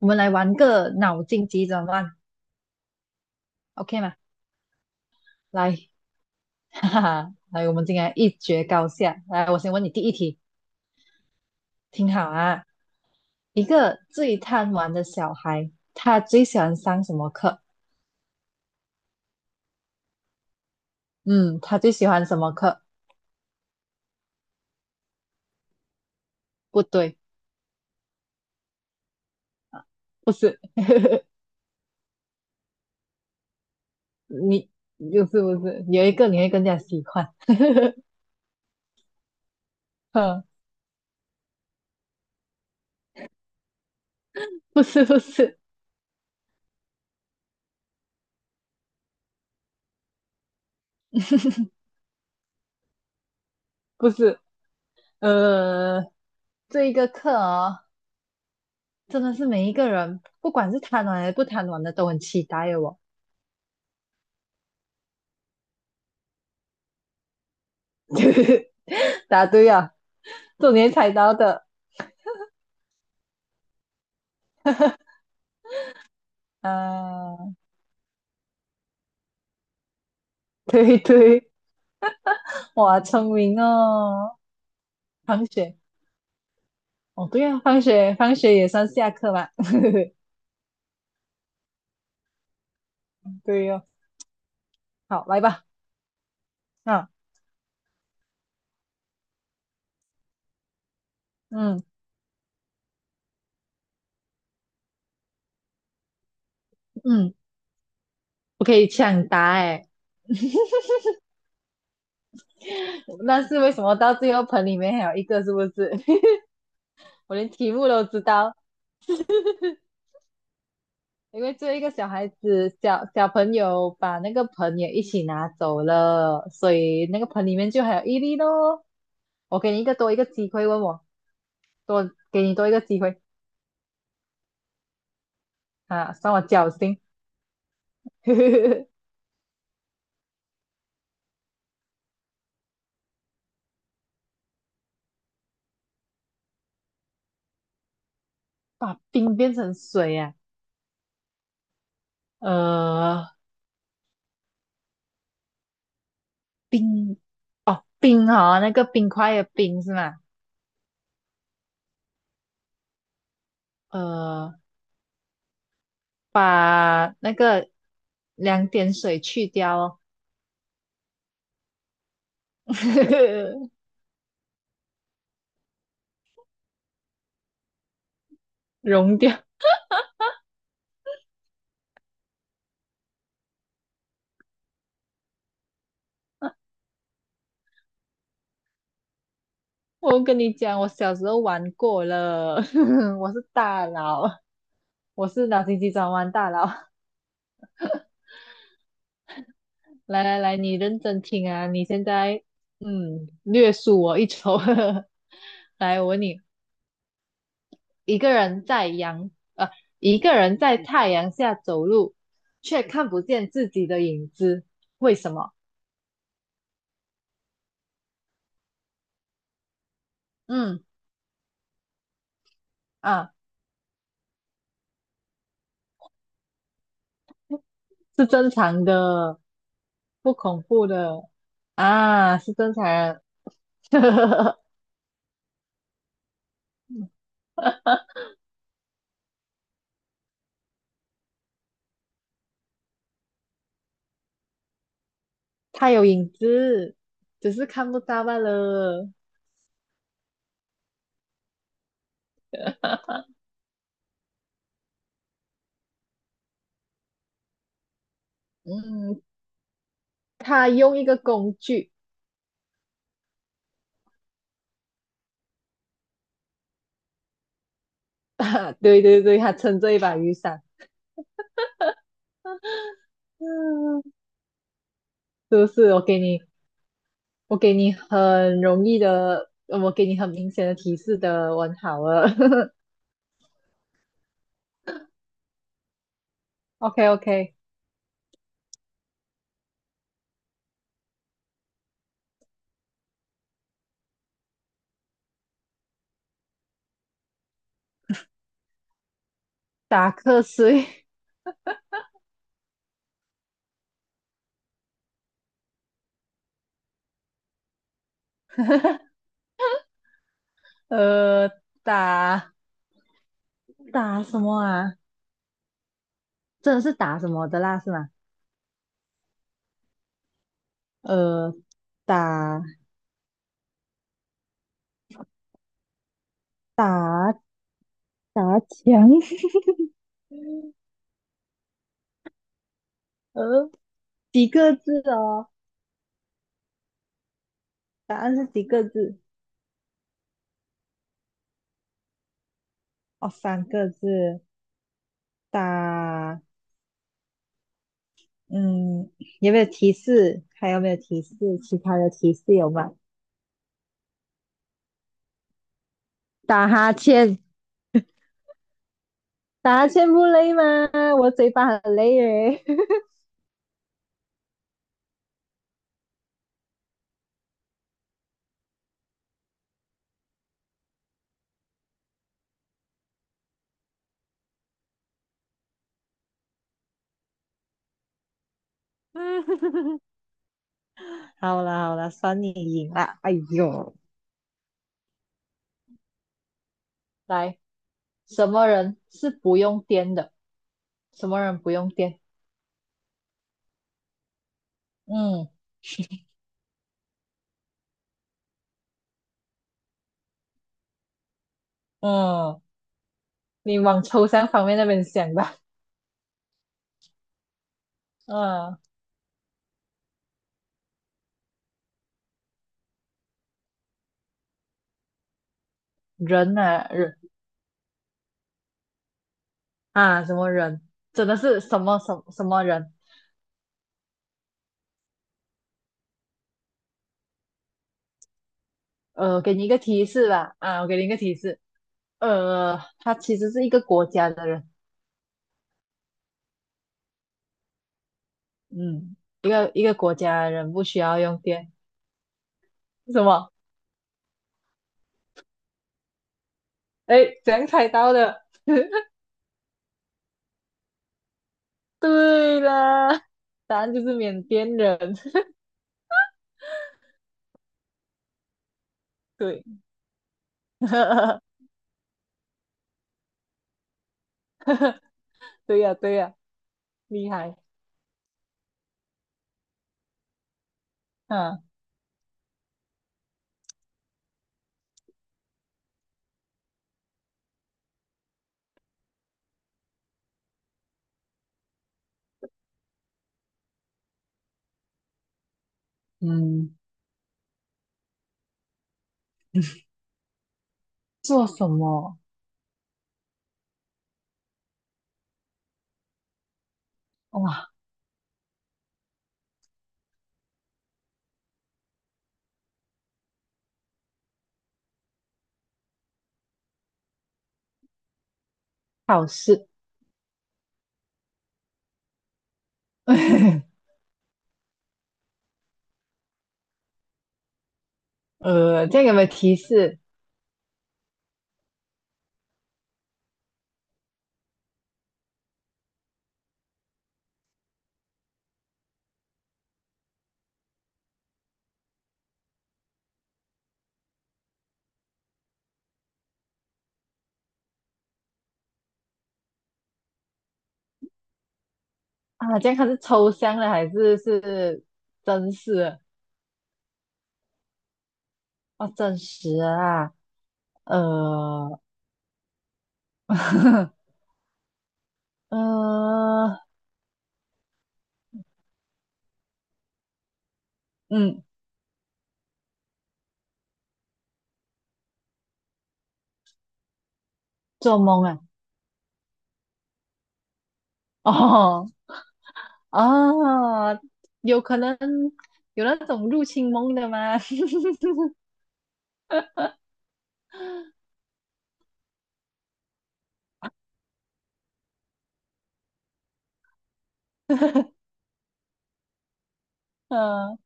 我们来玩个脑筋急转弯，OK 吗？来，哈哈，来，我们今天一决高下。来，我先问你第一题，听好啊。一个最贪玩的小孩，他最喜欢上什么课？嗯，他最喜欢什么课？不对，不是，你就是不是有一个你会更加喜欢？嗯，不是，不是，不是，呃，这一个课哦，真的是每一个人，不管是贪玩还是不贪玩的，都很期待哦。答对啊，昨天猜到的啊，对对，哇，聪明哦。放学，哦，对啊，放学，放学也算下课吧。对哦，好，来吧。啊，嗯嗯，不可以抢答哎。那是为什么到最后盆里面还有一个，是不是？我连题目都知道，因为最后一个小孩子小小朋友把那个盆也一起拿走了，所以那个盆里面就还有一粒咯。我给你一个多一个机会，问我多给你多一个机会啊，算我侥幸，把冰变成水啊，呃，冰哦冰哦，那个冰块的冰是吗？呃，把那个两点水去掉哦，融掉。我跟你讲，我小时候玩过了，我是大佬，我是脑筋急转弯大佬。来来来，你认真听啊！你现在嗯，略输我一筹。来，我问你，一个人在阳呃，一个人在太阳下走路，却看不见自己的影子，为什么？嗯啊，是正常的，不恐怖的啊，是正常呵，他有影子，只是看不到罢了。嗯，他用一个工具，对对对，他撑着一把雨伞。嗯，是不是？我给你，我给你很容易的，呃我给你很明显的提示的，完好了。OK OK，打瞌睡，呃，打打什么啊？真的是打什么的啦，是吗？呃，打打打墙，呃，几个字哦？答案是几个字？哦，三个字，打。嗯，有没有提示？还有没有提示？其他的提示有吗？打哈欠，打哈欠不累吗？我嘴巴很累耶。好啦好啦，算你赢啦。哎呦，来，什么人是不用颠的？什么人不用颠？嗯 嗯，你往抽象方面那边想吧。嗯，人啊，人啊，什么人？真的是什么什么什么人？给你一个提示吧，啊，我给你一个提示，他其实是一个国家的人，嗯，一个一个国家的人不需要用电，什么？哎，怎样猜到的？对啦，答案就是缅甸人，对，对呀，对呀，厉害，嗯嗯，做什么？哇，好事，这样有没有提示啊？这样它是抽象的还是是真实的？哦，真实的啊。呃，呃，嗯，做梦啊，哦，啊，有可能有那种入侵梦的吗？嗯，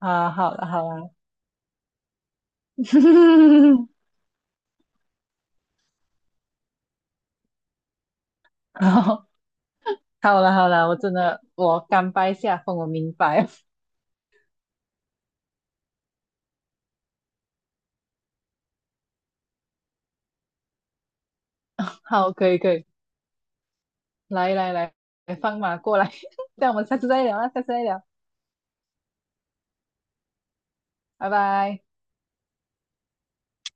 啊，好了好了，好，好了好了，我真的我甘拜下风，我明白。好，可以可以，来来来，放马过来，这样我们下次再聊啊，下次再聊，拜拜。